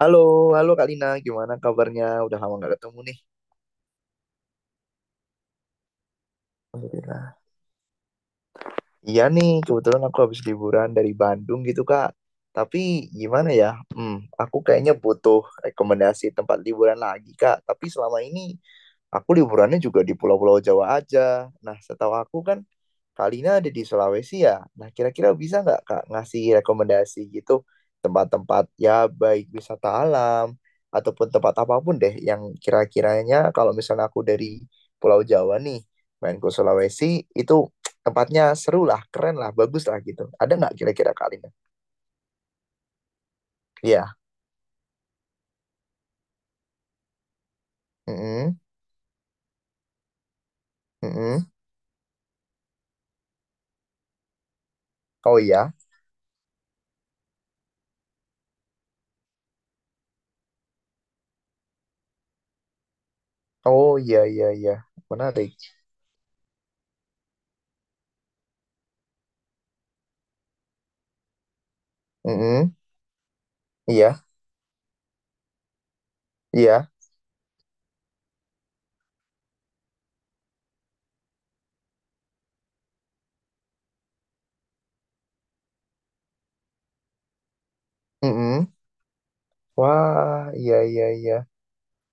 Halo, halo Kalina, gimana kabarnya? Udah lama nggak ketemu nih. Iya nih, kebetulan aku habis liburan dari Bandung gitu, Kak. Tapi gimana ya? Hmm, aku kayaknya butuh rekomendasi tempat liburan lagi, Kak. Tapi selama ini aku liburannya juga di pulau-pulau Jawa aja. Nah, setahu aku kan Kalina ada di Sulawesi ya. Nah, kira-kira bisa nggak, Kak, ngasih rekomendasi gitu tempat-tempat ya baik wisata alam ataupun tempat apapun deh yang kira-kiranya kalau misalnya aku dari Pulau Jawa nih main ke Sulawesi itu tempatnya seru lah, keren lah, bagus lah gitu. Ada nggak kira-kira kali ini? Iya. Mm-mm. Mm-mm. Oh iya. Oh iya iya iya. Menarik. Mm-mm. Iya. Iya. Mm-mm. Wah, iya iya iya.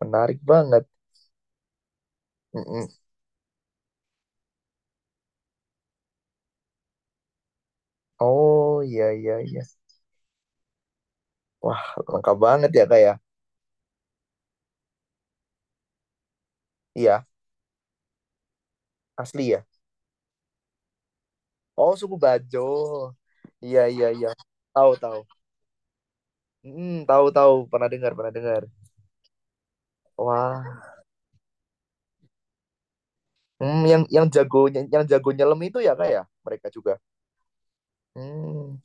Menarik banget. Mm-mm. Oh iya iya iya. Wah, lengkap banget ya kayak. Iya, asli ya. Oh, suku Bajo. Iya iya iya. Tahu tahu. Mm, tahu tahu. Pernah dengar, pernah dengar. Wah, Hmm, yang yang jago yang jago nyelam itu ya kak ya mereka juga. Hmm,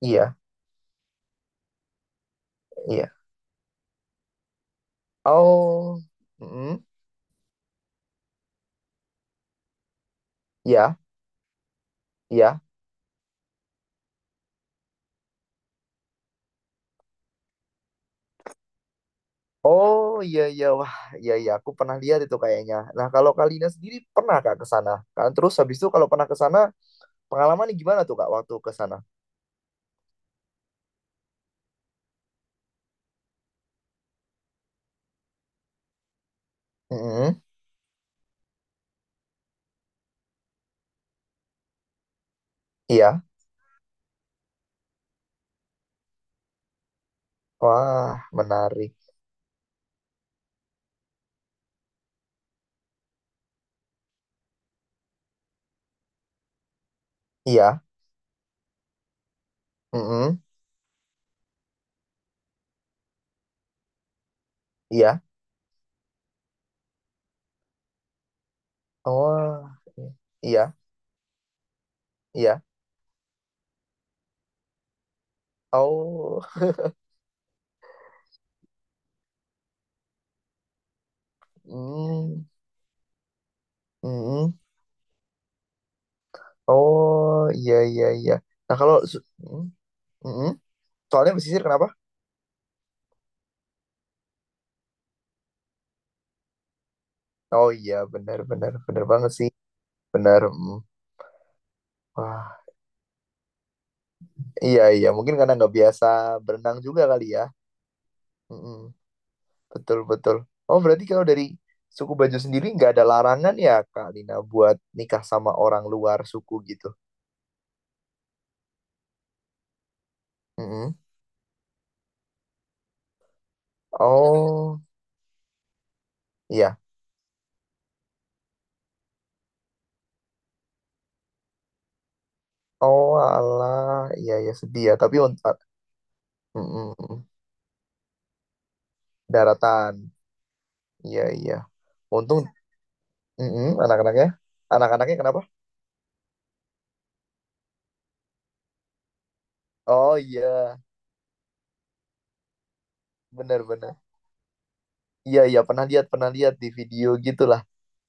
iya, iya. Oh, mm, iya, iya. Oh, iya, iya. Wah, iya, iya. Aku pernah lihat itu kayaknya. Nah, kalau Kalina sendiri pernah Kak ke sana? Kan terus habis itu kalau pernah ke sana, pengalamannya gimana tuh Kak waktu ke sana? Mm, iya. Wah, menarik. Iya. Mm, iya. Wah, iya, iya. Oh, mm, mm. Oh, iya, iya, iya. Nah, kalau so- mm, mm. Soalnya pesisir kenapa? Oh iya, benar benar benar banget sih, benar. Mm. Wah, iya iya, mungkin karena nggak biasa berenang juga kali ya. Mm-mm. Betul betul. Oh berarti kalau dari suku Bajo sendiri nggak ada larangan ya Kak Lina buat nikah sama orang luar suku gitu. Mm-mm. Oh iya, oh alah, iya iya sedih ya. Mm-mm. Daratan, iya iya. Untung mm-mm, anak-anaknya, anak-anaknya kenapa? Oh iya, benar benar. Iya iya pernah lihat di video gitulah.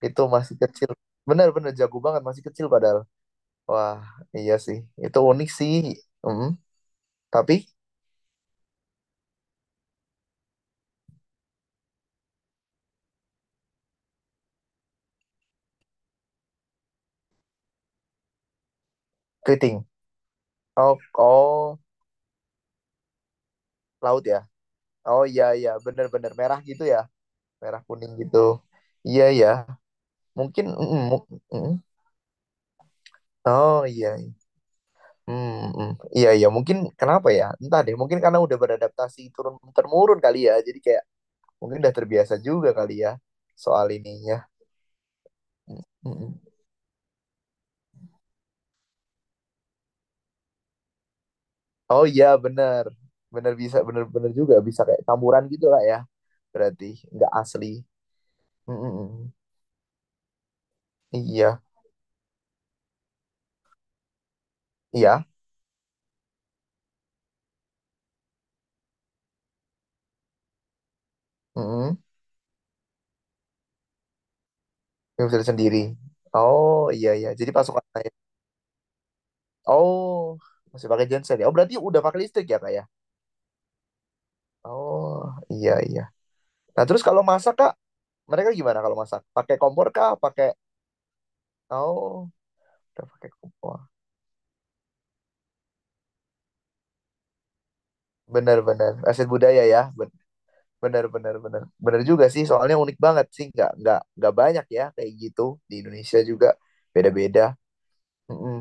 Itu masih kecil. Benar-benar jago banget masih kecil padahal. Wah, iya sih. Itu unik sih. Mm, tapi keriting. Oh, oh, laut ya. Oh iya iya, benar-benar merah gitu ya. Merah kuning gitu. Iya iya. Mungkin mm. Oh iya. hmm Mm, mm. Iya iya, mungkin kenapa ya? Entah deh, mungkin karena udah beradaptasi turun temurun kali ya. Jadi kayak mungkin udah terbiasa juga kali ya soal ininya. Mm, mm. Oh iya bener, bener bisa, bener-bener juga bisa kayak campuran gitu lah ya. Berarti nggak asli. Mm-mm. Iya, iya. Mm-mm. Yang bisa sendiri. Oh iya iya. Jadi pasukan saya. Oh masih pakai genset ya. Oh berarti udah pakai listrik ya kak ya. Oh iya iya. Nah terus kalau masak kak, mereka gimana kalau masak? Pakai kompor kak? Pakai? Oh udah pakai kompor. Bener bener. Aset budaya ya. Benar, benar, benar. Benar juga sih, soalnya unik banget sih. Nggak banyak ya kayak gitu. Di Indonesia juga beda-beda. Mm-mm.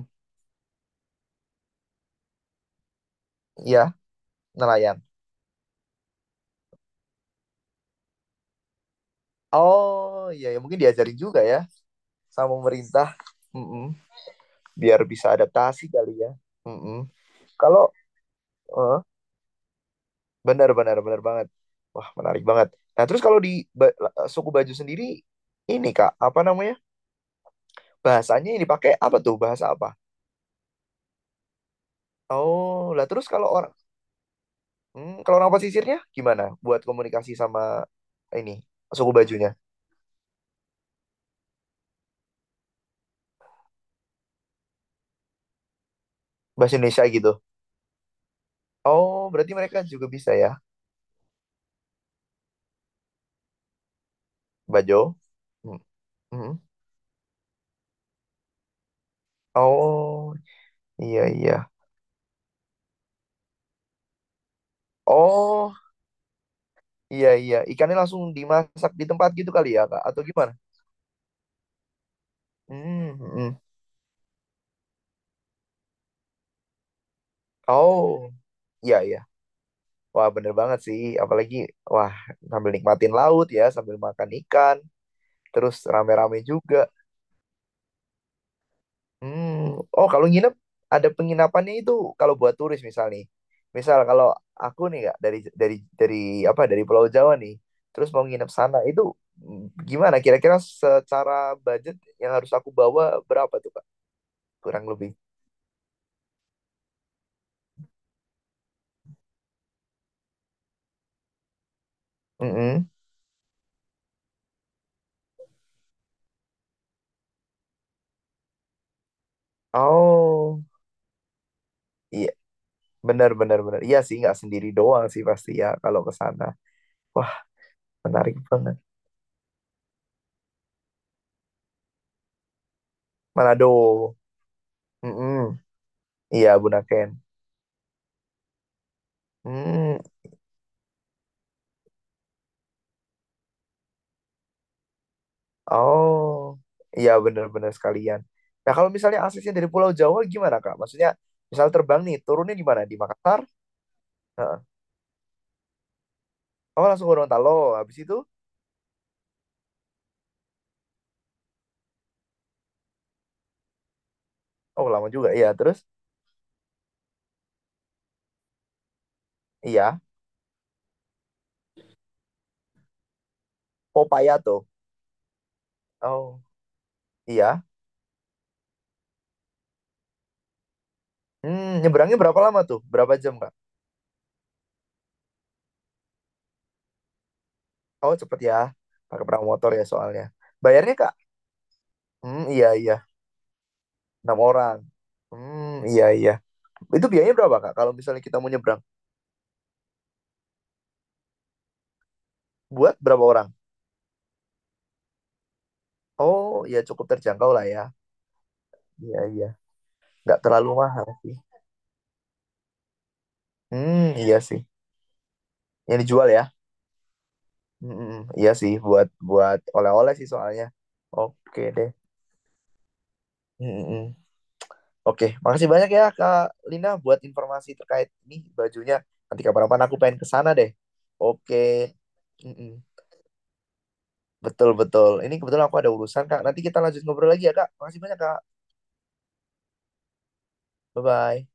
Iya, nelayan. Oh, iya, ya. Mungkin diajarin juga ya sama pemerintah. Mm-mm. Biar bisa adaptasi kali ya. Mm-mm. Kalau, eh, benar, benar, benar banget. Wah, menarik banget. Nah, terus kalau di Ba- Suku Bajo sendiri, ini Kak, apa namanya? Bahasanya yang dipakai apa tuh? Bahasa apa? Oh, lah terus kalau orang kalau nama pesisirnya gimana buat komunikasi sama ini suku bajunya bahasa Indonesia gitu. Oh, berarti mereka juga bisa ya, Bajo. Hmm, hmm. Oh, iya iya. Oh, iya iya. Ikannya langsung dimasak di tempat gitu kali ya, Kak? Atau gimana? Hmm, hmm. Oh, iya iya. Wah, bener banget sih. Apalagi, wah, sambil nikmatin laut ya, sambil makan ikan, terus rame-rame juga. Hmm, oh kalau nginep ada penginapannya itu kalau buat turis misal nih. Misal kalau aku nih kak dari dari Pulau Jawa nih, terus mau nginep sana itu gimana? Kira-kira secara budget yang harus aku bawa berapa tuh kak? Kurang lebih. Mm-mm. Oh iya benar benar benar. Iya sih nggak sendiri doang sih pasti ya kalau ke sana. Wah menarik banget. Manado. Mm-mm. Iya Bunaken. Hmm. Oh, iya benar-benar sekalian. Nah, kalau misalnya aksesnya dari Pulau Jawa gimana, Kak? Maksudnya, misal terbang nih, turunnya di mana? Di Makassar? Heeh. Oh, langsung ke Gorontalo. Habis itu, oh lama juga. Iya, terus, iya, Popaya tuh. Oh, iya. Nyebrangnya berapa lama tuh? Berapa jam, Kak? Oh, cepet ya. Pakai perahu motor ya soalnya. Bayarnya, Kak? Hmm, iya, iya. Enam orang. Hmm, iya, iya. Itu biayanya berapa, Kak? Kalau misalnya kita mau nyebrang, buat berapa orang? Oh, ya cukup terjangkau lah ya. Iya, iya. Nggak terlalu mahal sih. Hmm, iya sih. Yang dijual ya? Hmm, hmm, hmm. Iya sih buat buat oleh-oleh sih soalnya. Oke deh. Hmm, hmm, hmm. Oke, makasih banyak ya Kak Lina buat informasi terkait ini bajunya. Nanti kapan-kapan aku pengen ke sana deh. Oke. Hmm, hmm. Betul betul. Ini kebetulan aku ada urusan Kak. Nanti kita lanjut ngobrol lagi ya Kak. Makasih banyak Kak. Bye bye.